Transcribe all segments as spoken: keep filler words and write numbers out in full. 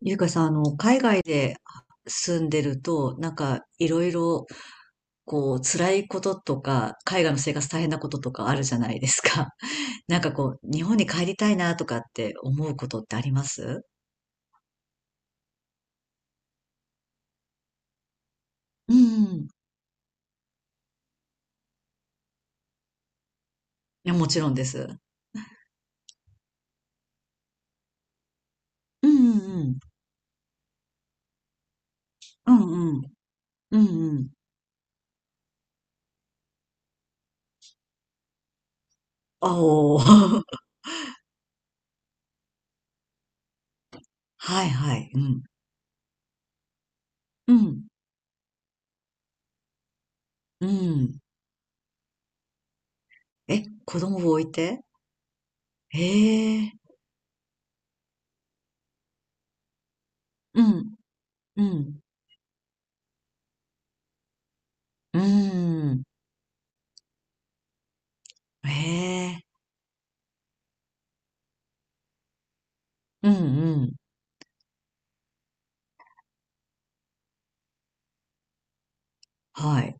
ゆうかさん、あの、海外で住んでると、なんか、いろいろ、こう、辛いこととか、海外の生活大変なこととかあるじゃないですか。なんかこう、日本に帰りたいなとかって思うことってあります？うん。いや、もちろんです。うんうんうん。うんうん。うんうん。あおー。はいはい。うん。うん。うん。え、子供を置いて？へえ。うん。うん。うん。へえ。うんうん。はい。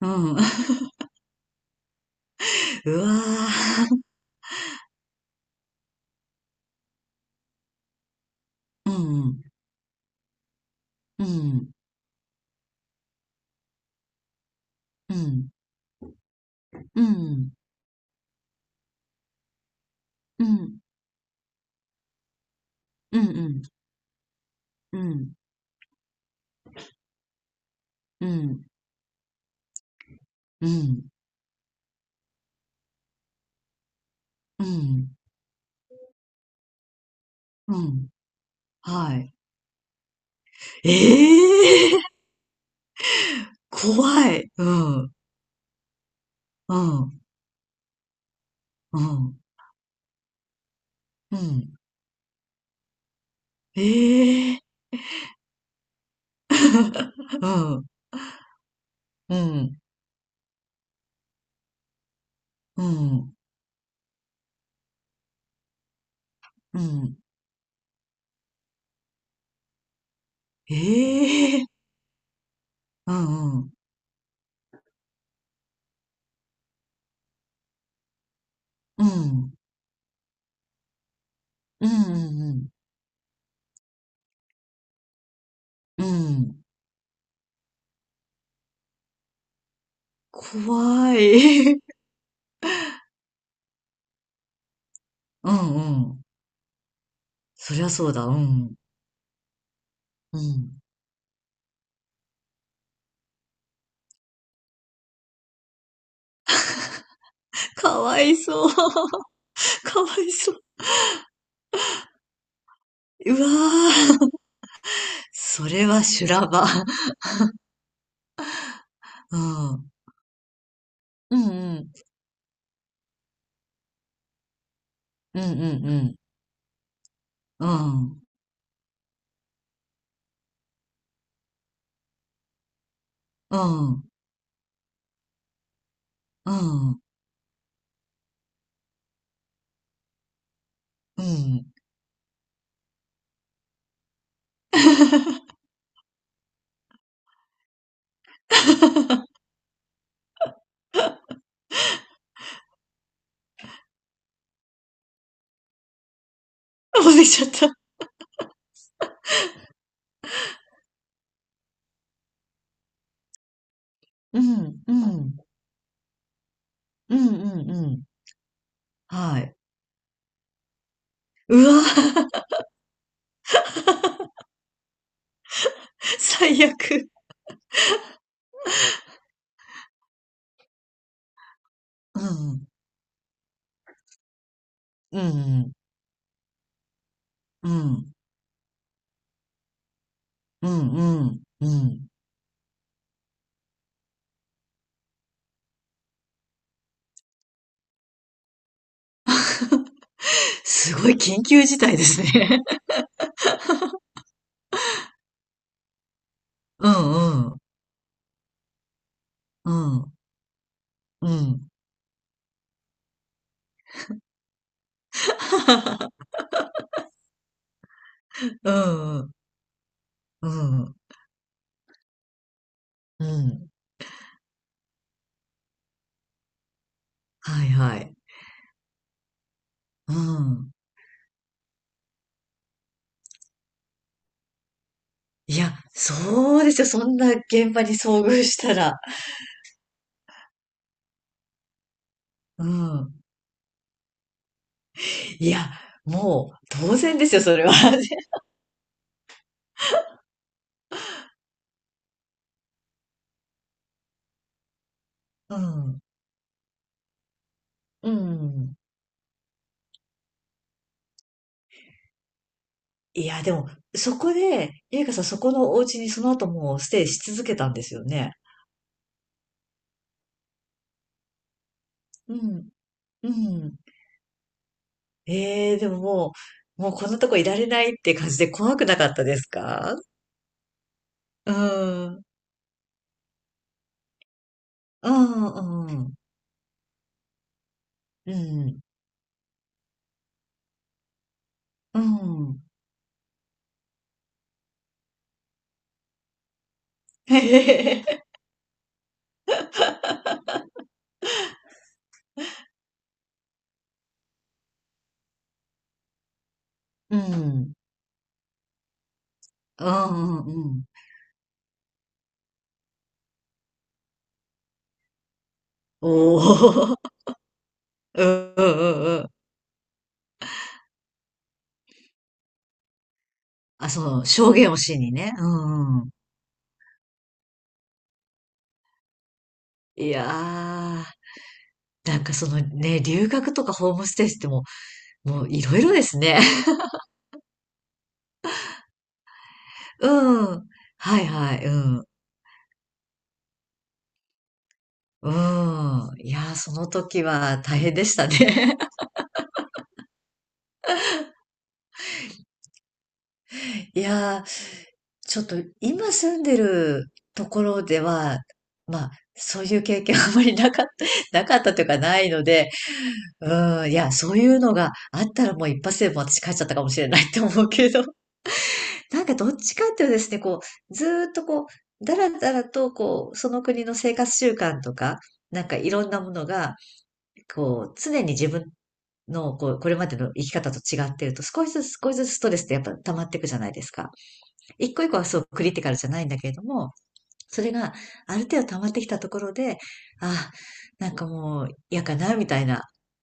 うん。うわー。うん。うん。うん。うん。うん。うん。うん。うん。うん。うん。うん。はい。ええー。怖い。うん。うん。うん。うん。ええー。うん。うん。うん。うん。ええー。うん。うん。うん。うん。うん。怖い。うんうん。そりゃそうだ。うん。うん。かわいそう。かわいそう。うわー。それは修羅場。うん。うん、うん。うん、うん、うん。うん、うん、うん。うん。もう出ちゃった。うん、うん。うん、うん、うん。はい。うわー。最悪。うん、うん、うん。うん、うんうん、うん。すごい緊急事態ですね。うん、うん。うん、うん。うんうん、うん。うん。はいはい。うん。いや、そうですよ。そんな現場に遭遇したら。うん。いや、もう当然ですよ、それは。うん。うん。いや、でも、そこで、ゆいかさん、そこのお家にその後もうステイし続けたんですよね。うん。うん。ええでももう、もうこんなとこいられないって感じで怖くなかったですか？うん。うん、うん。うん。うん。うん。うん。うん、うん、うん。おー、うんうんうんうん。あ、その、証言をしにね。うんうん。いやー、なんかそのね、留学とかホームステイってもう、もういろいろですね。うん。はいはい、うん。うん。いやー、その時は大変でしたね。いやー、ちょっと今住んでるところでは、まあ、そういう経験あんまりなかった、なかったというかないので、うん、いや、そういうのがあったらもう一発でもう私帰っちゃったかもしれないって思うけど。なんかどっちかっていうとですね、こう、ずーっとこう、だらだらとこう、その国の生活習慣とか、なんかいろんなものが、こう、常に自分のこう、これまでの生き方と違ってると、少しずつ少しずつストレスってやっぱ溜まっていくじゃないですか。一個一個はそうクリティカルじゃないんだけれども、それが、ある程度溜まってきたところで、ああ、なんかもう嫌かな、みたいな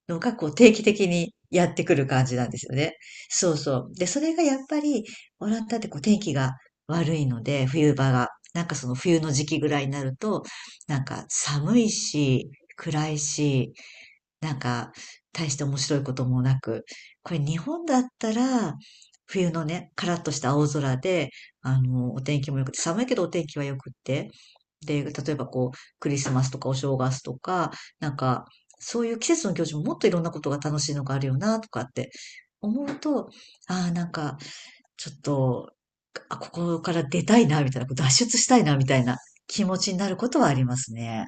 のが、こう、定期的にやってくる感じなんですよね。そうそう。で、それがやっぱり、オランダってこう、天気が悪いので、冬場が。なんかその冬の時期ぐらいになると、なんか寒いし、暗いし、なんか、大して面白いこともなく、これ日本だったら、冬のね、カラッとした青空で、あの、お天気も良くて、寒いけどお天気は良くって、で、例えばこう、クリスマスとかお正月とか、なんか、そういう季節の行事ももっといろんなことが楽しいのがあるよな、とかって思うと、ああ、なんか、ちょっと、あ、ここから出たいな、みたいな、脱出したいな、みたいな気持ちになることはありますね。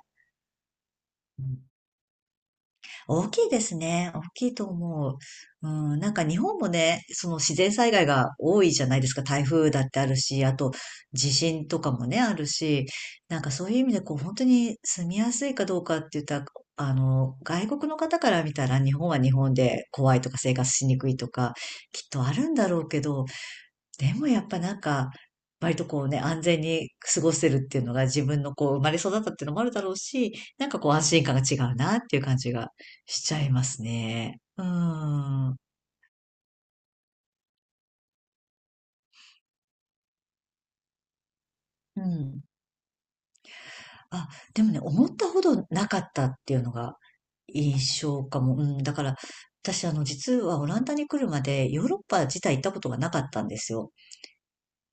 大きいですね。大きいと思う。うん、なんか日本もね、その自然災害が多いじゃないですか。台風だってあるし、あと地震とかもね、あるし、なんかそういう意味でこう本当に住みやすいかどうかって言ったら、あの、外国の方から見たら日本は日本で怖いとか生活しにくいとか、きっとあるんだろうけど、でもやっぱなんか、割とこうね、安全に過ごせるっていうのが自分のこう生まれ育ったっていうのもあるだろうし、なんかこう安心感が違うなっていう感じがしちゃいますね。うーん。うん。あ、でもね、思ったほどなかったっていうのが印象かも。うん、だから、私あの実はオランダに来るまでヨーロッパ自体行ったことがなかったんですよ。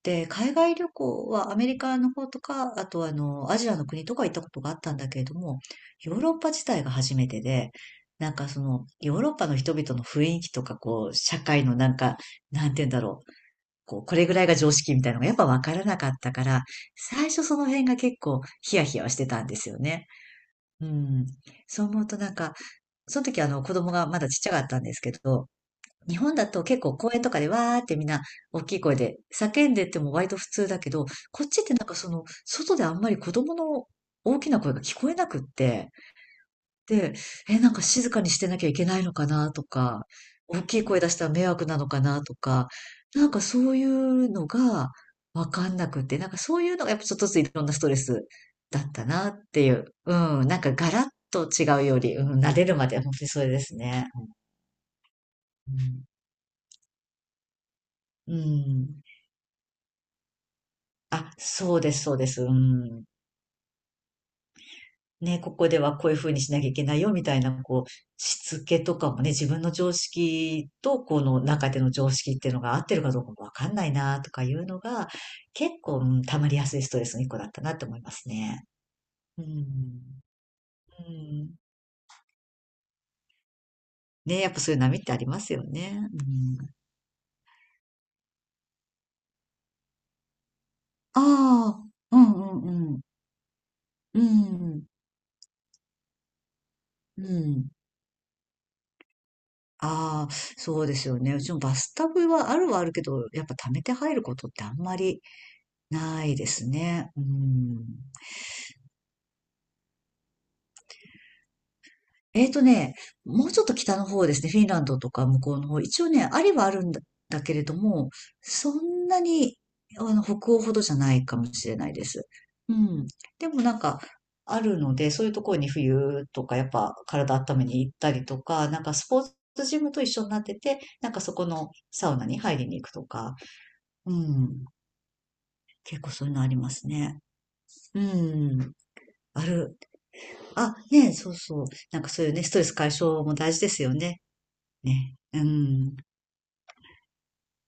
で、海外旅行はアメリカの方とか、あとあの、アジアの国とか行ったことがあったんだけれども、ヨーロッパ自体が初めてで、なんかその、ヨーロッパの人々の雰囲気とか、こう、社会のなんか、なんて言うんだろう。こう、これぐらいが常識みたいなのがやっぱわからなかったから、最初その辺が結構ヒヤヒヤはしてたんですよね。うん。そう思うとなんか、その時あの子供がまだちっちゃかったんですけど、日本だと結構公園とかでわーってみんな大きい声で叫んでっても割と普通だけど、こっちってなんかその外であんまり子供の大きな声が聞こえなくって、で、え、なんか静かにしてなきゃいけないのかなとか、大きい声出したら迷惑なのかなとか、なんかそういうのがわかんなくって、なんかそういうのがやっぱちょっとずついろんなストレスだったなっていう。うん、なんかガラッと違うより、うん、慣れるまで本当にそれですね。うん。うん、あ、そうです、そうです。うん。ね、ここではこういうふうにしなきゃいけないよ、みたいな、こう、しつけとかもね、自分の常識と、この中での常識っていうのが合ってるかどうかもわかんないな、とかいうのが、結構、うん、溜まりやすいストレスの一個だったなって思いますね。うん。うん。ね、やっぱそういう波ってありますよね。うん。ああ、うんうんうん。うん。うん。ああ、そうですよね。うちもバスタブはあるはあるけど、やっぱ溜めて入ることってあんまりないですね。うん。えーとね、もうちょっと北の方ですね。フィンランドとか向こうの方。一応ね、ありはあるんだ、だけれども、そんなに、あの、北欧ほどじゃないかもしれないです。うん。でもなんか、あるので、そういうところに冬とか、やっぱ体温めに行ったりとか、なんかスポーツジムと一緒になってて、なんかそこのサウナに入りに行くとか、うん。結構そういうのありますね。うん。ある、あ、ねえ、そうそう。なんかそういうね、ストレス解消も大事ですよね。ね。うん。